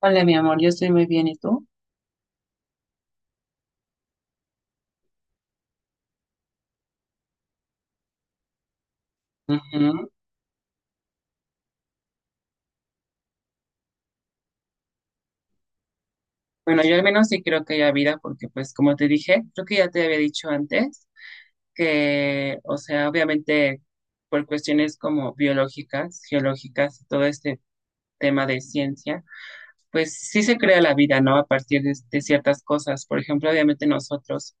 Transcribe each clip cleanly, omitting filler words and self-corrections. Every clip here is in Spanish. Hola, mi amor, yo estoy muy bien, ¿y tú? Ujú. Bueno, yo al menos sí creo que hay vida, porque pues como te dije, creo que ya te había dicho antes, que, o sea, obviamente por cuestiones como biológicas, geológicas, todo este tema de ciencia, pues sí se crea la vida, ¿no? A partir de ciertas cosas. Por ejemplo, obviamente nosotros,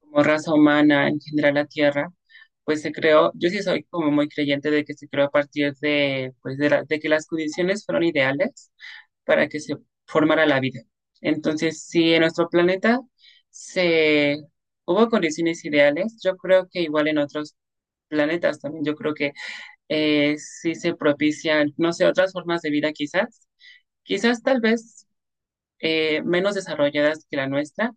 como raza humana, en general la Tierra, pues se creó, yo sí soy como muy creyente de que se creó a partir de, pues de, de que las condiciones fueron ideales para que se formara la vida. Entonces, si en nuestro planeta se hubo condiciones ideales, yo creo que igual en otros planetas también, yo creo que sí se propician, no sé, otras formas de vida quizás, quizás tal vez menos desarrolladas que la nuestra,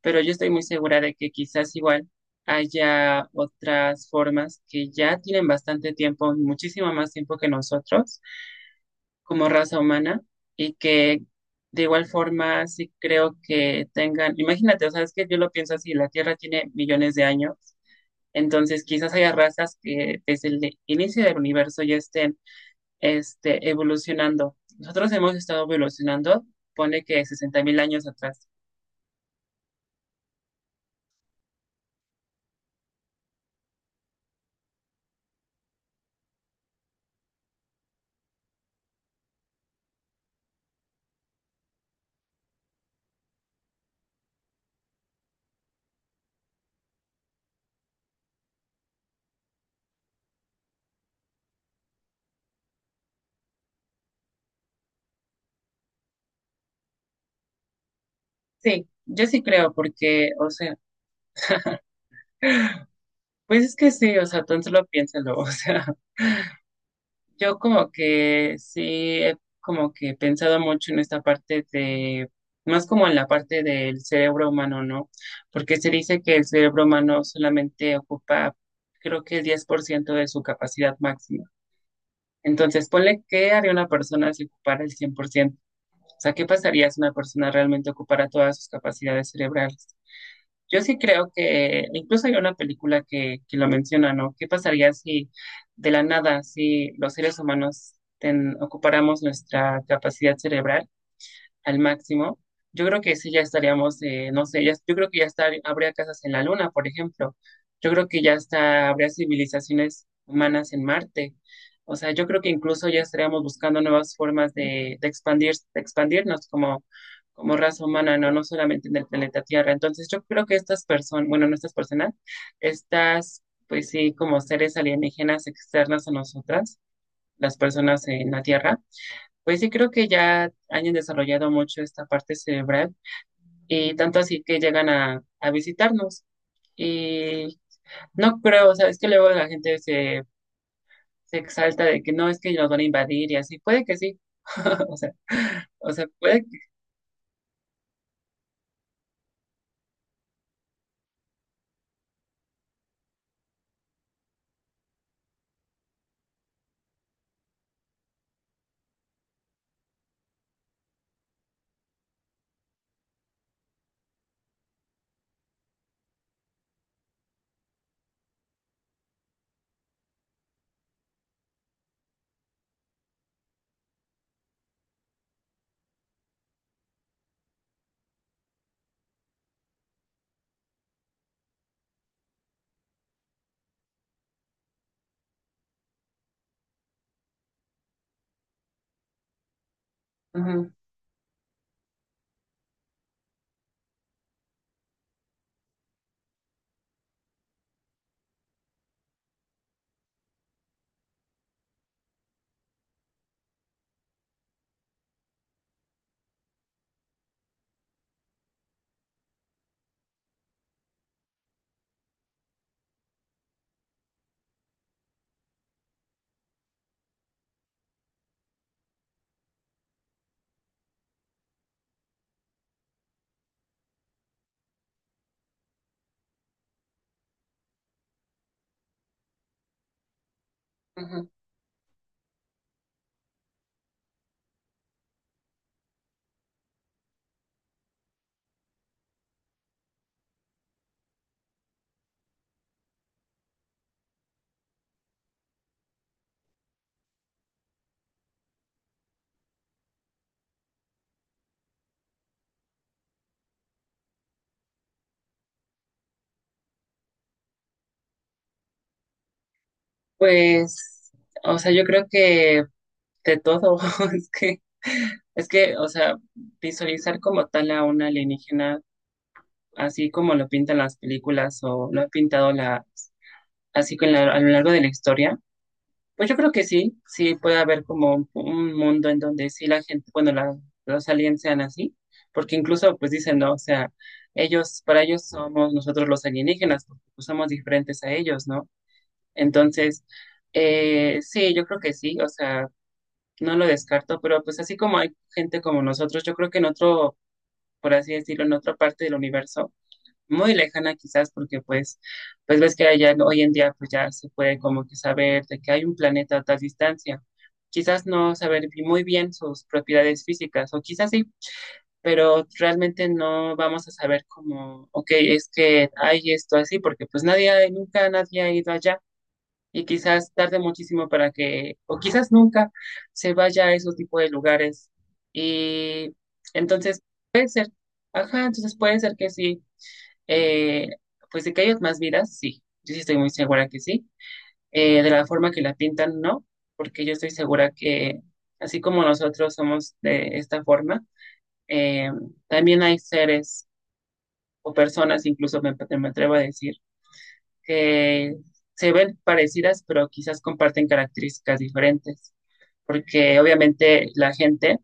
pero yo estoy muy segura de que quizás igual haya otras formas que ya tienen bastante tiempo, muchísimo más tiempo que nosotros, como raza humana y que de igual forma sí creo que tengan, imagínate, o sea, es que yo lo pienso así, la Tierra tiene millones de años, entonces quizás haya razas que desde el inicio del universo ya estén este, evolucionando. Nosotros hemos estado evolucionando, pone que 60.000 años atrás. Sí, yo sí creo porque, o sea, pues es que sí, o sea, tan solo piénsalo, o sea, yo como que sí he como que pensado mucho en esta parte de, más como en la parte del cerebro humano, ¿no? Porque se dice que el cerebro humano solamente ocupa, creo que el 10% de su capacidad máxima. Entonces, ponle, ¿qué haría una persona si ocupara el 100%? O sea, ¿qué pasaría si una persona realmente ocupara todas sus capacidades cerebrales? Yo sí creo que incluso hay una película que lo menciona, ¿no? ¿Qué pasaría si de la nada, si los seres humanos ocupáramos nuestra capacidad cerebral al máximo? Yo creo que sí ya estaríamos, no sé, yo creo que ya estar, habría casas en la Luna, por ejemplo. Yo creo que ya está, habría civilizaciones humanas en Marte. O sea, yo creo que incluso ya estaríamos buscando nuevas formas de expandir, de expandirnos como, como raza humana, ¿no? No solamente en el planeta Tierra. Entonces, yo creo que estas personas, bueno, no estas personas, estas, pues sí, como seres alienígenas externas a nosotras, las personas en la Tierra pues sí, creo que ya han desarrollado mucho esta parte cerebral y tanto así que llegan a visitarnos. Y no creo, o sea, es que luego la gente se, se exalta de que no, es que nos van a invadir y así. Puede que sí. O sea, o sea, puede que... ujú, ujú. Pues, o sea, yo creo que de todo, es que, es que, o sea, visualizar como tal a una alienígena, así como lo pintan las películas o lo ha pintado la, así que a lo largo de la historia, pues yo creo que sí, sí puede haber como un mundo en donde sí la gente, bueno, los aliens sean así, porque incluso pues dicen, no, o sea, ellos, para ellos somos nosotros los alienígenas, porque pues, somos diferentes a ellos, ¿no? Entonces, sí, yo creo que sí, o sea, no lo descarto, pero pues así como hay gente como nosotros, yo creo que en otro, por así decirlo, en otra parte del universo, muy lejana quizás porque pues, pues ves que allá hoy en día pues ya se puede como que saber de que hay un planeta a tal distancia. Quizás no saber muy bien sus propiedades físicas o quizás sí, pero realmente no vamos a saber como, ok, es que hay esto así porque pues nadie, nunca nadie ha ido allá. Y quizás tarde muchísimo para que, o quizás nunca se vaya a esos tipos de lugares. Y entonces, ajá, entonces puede ser que sí, eh, pues de que hay más vidas, sí, yo sí estoy muy segura que sí. De la forma que la pintan, no, porque yo estoy segura que así como nosotros somos de esta forma, eh, también hay seres o personas, incluso me atrevo a decir, que se ven parecidas, pero quizás comparten características diferentes, porque obviamente la gente,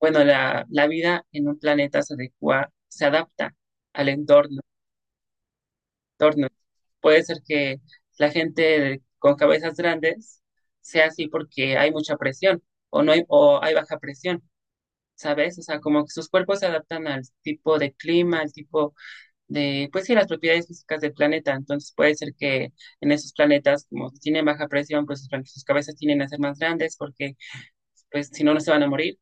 bueno, la vida en un planeta se adecua, se adapta al entorno. Tornos. Puede ser que la gente con cabezas grandes sea así porque hay mucha presión o no hay, o hay baja presión, ¿sabes? O sea, como que sus cuerpos se adaptan al tipo de clima, al tipo de, pues sí, las propiedades físicas del planeta. Entonces puede ser que en esos planetas, como tienen baja presión, pues sus, sus cabezas tienen a ser más grandes porque, pues si no, no se van a morir.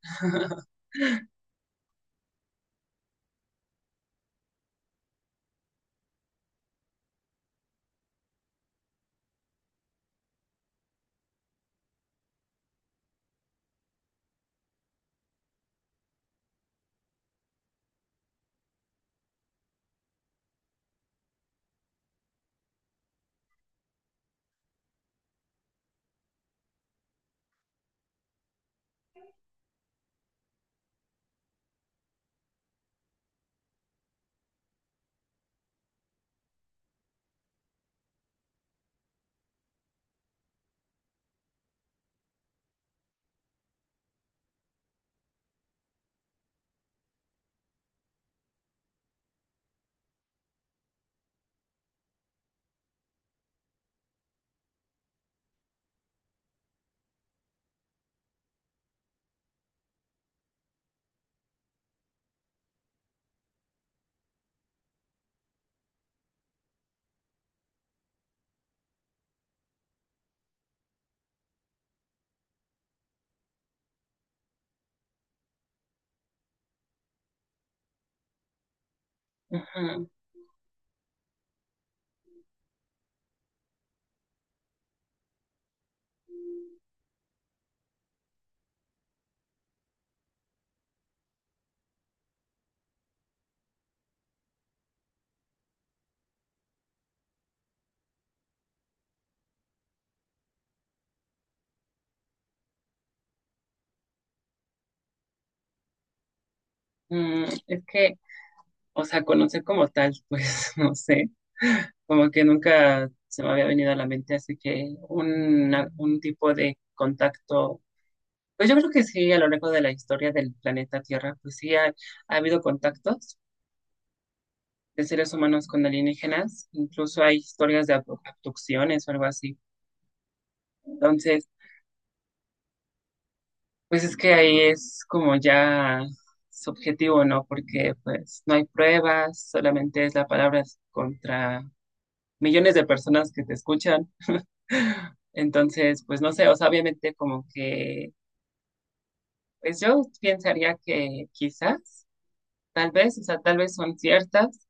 Ujú. Mm, es que o sea, conocer como tal, pues no sé, como que nunca se me había venido a la mente, así que un tipo de contacto, pues yo creo que sí, a lo largo de la historia del planeta Tierra, pues sí ha, ha habido contactos de seres humanos con alienígenas, incluso hay historias de abducciones o algo así. Entonces, pues es que ahí es como ya subjetivo, ¿no? Porque pues no hay pruebas, solamente es la palabra contra millones de personas que te escuchan. Entonces, pues no sé, o sea, obviamente como que, pues yo pensaría que quizás, tal vez, o sea, tal vez son ciertas,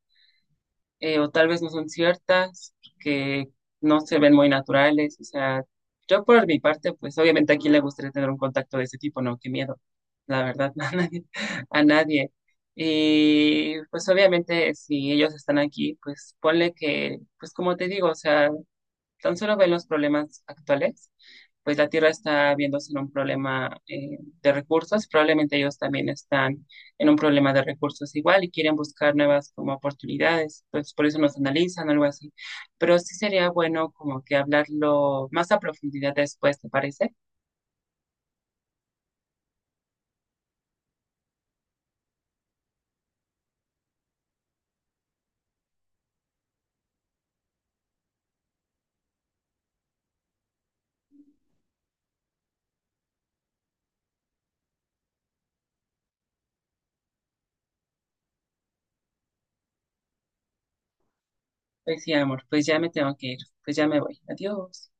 o tal vez no son ciertas, que no se ven muy naturales, o sea, yo por mi parte, pues obviamente aquí le gustaría tener un contacto de ese tipo, no, qué miedo, la verdad, a nadie, a nadie. Y pues obviamente si ellos están aquí, pues ponle que, pues como te digo, o sea, tan solo ven los problemas actuales, pues la Tierra está viéndose en un problema de recursos, probablemente ellos también están en un problema de recursos igual y quieren buscar nuevas como oportunidades, pues por eso nos analizan, algo así. Pero sí sería bueno como que hablarlo más a profundidad después, ¿te parece? Pues sí, amor, pues ya me tengo que ir, pues ya me voy, adiós.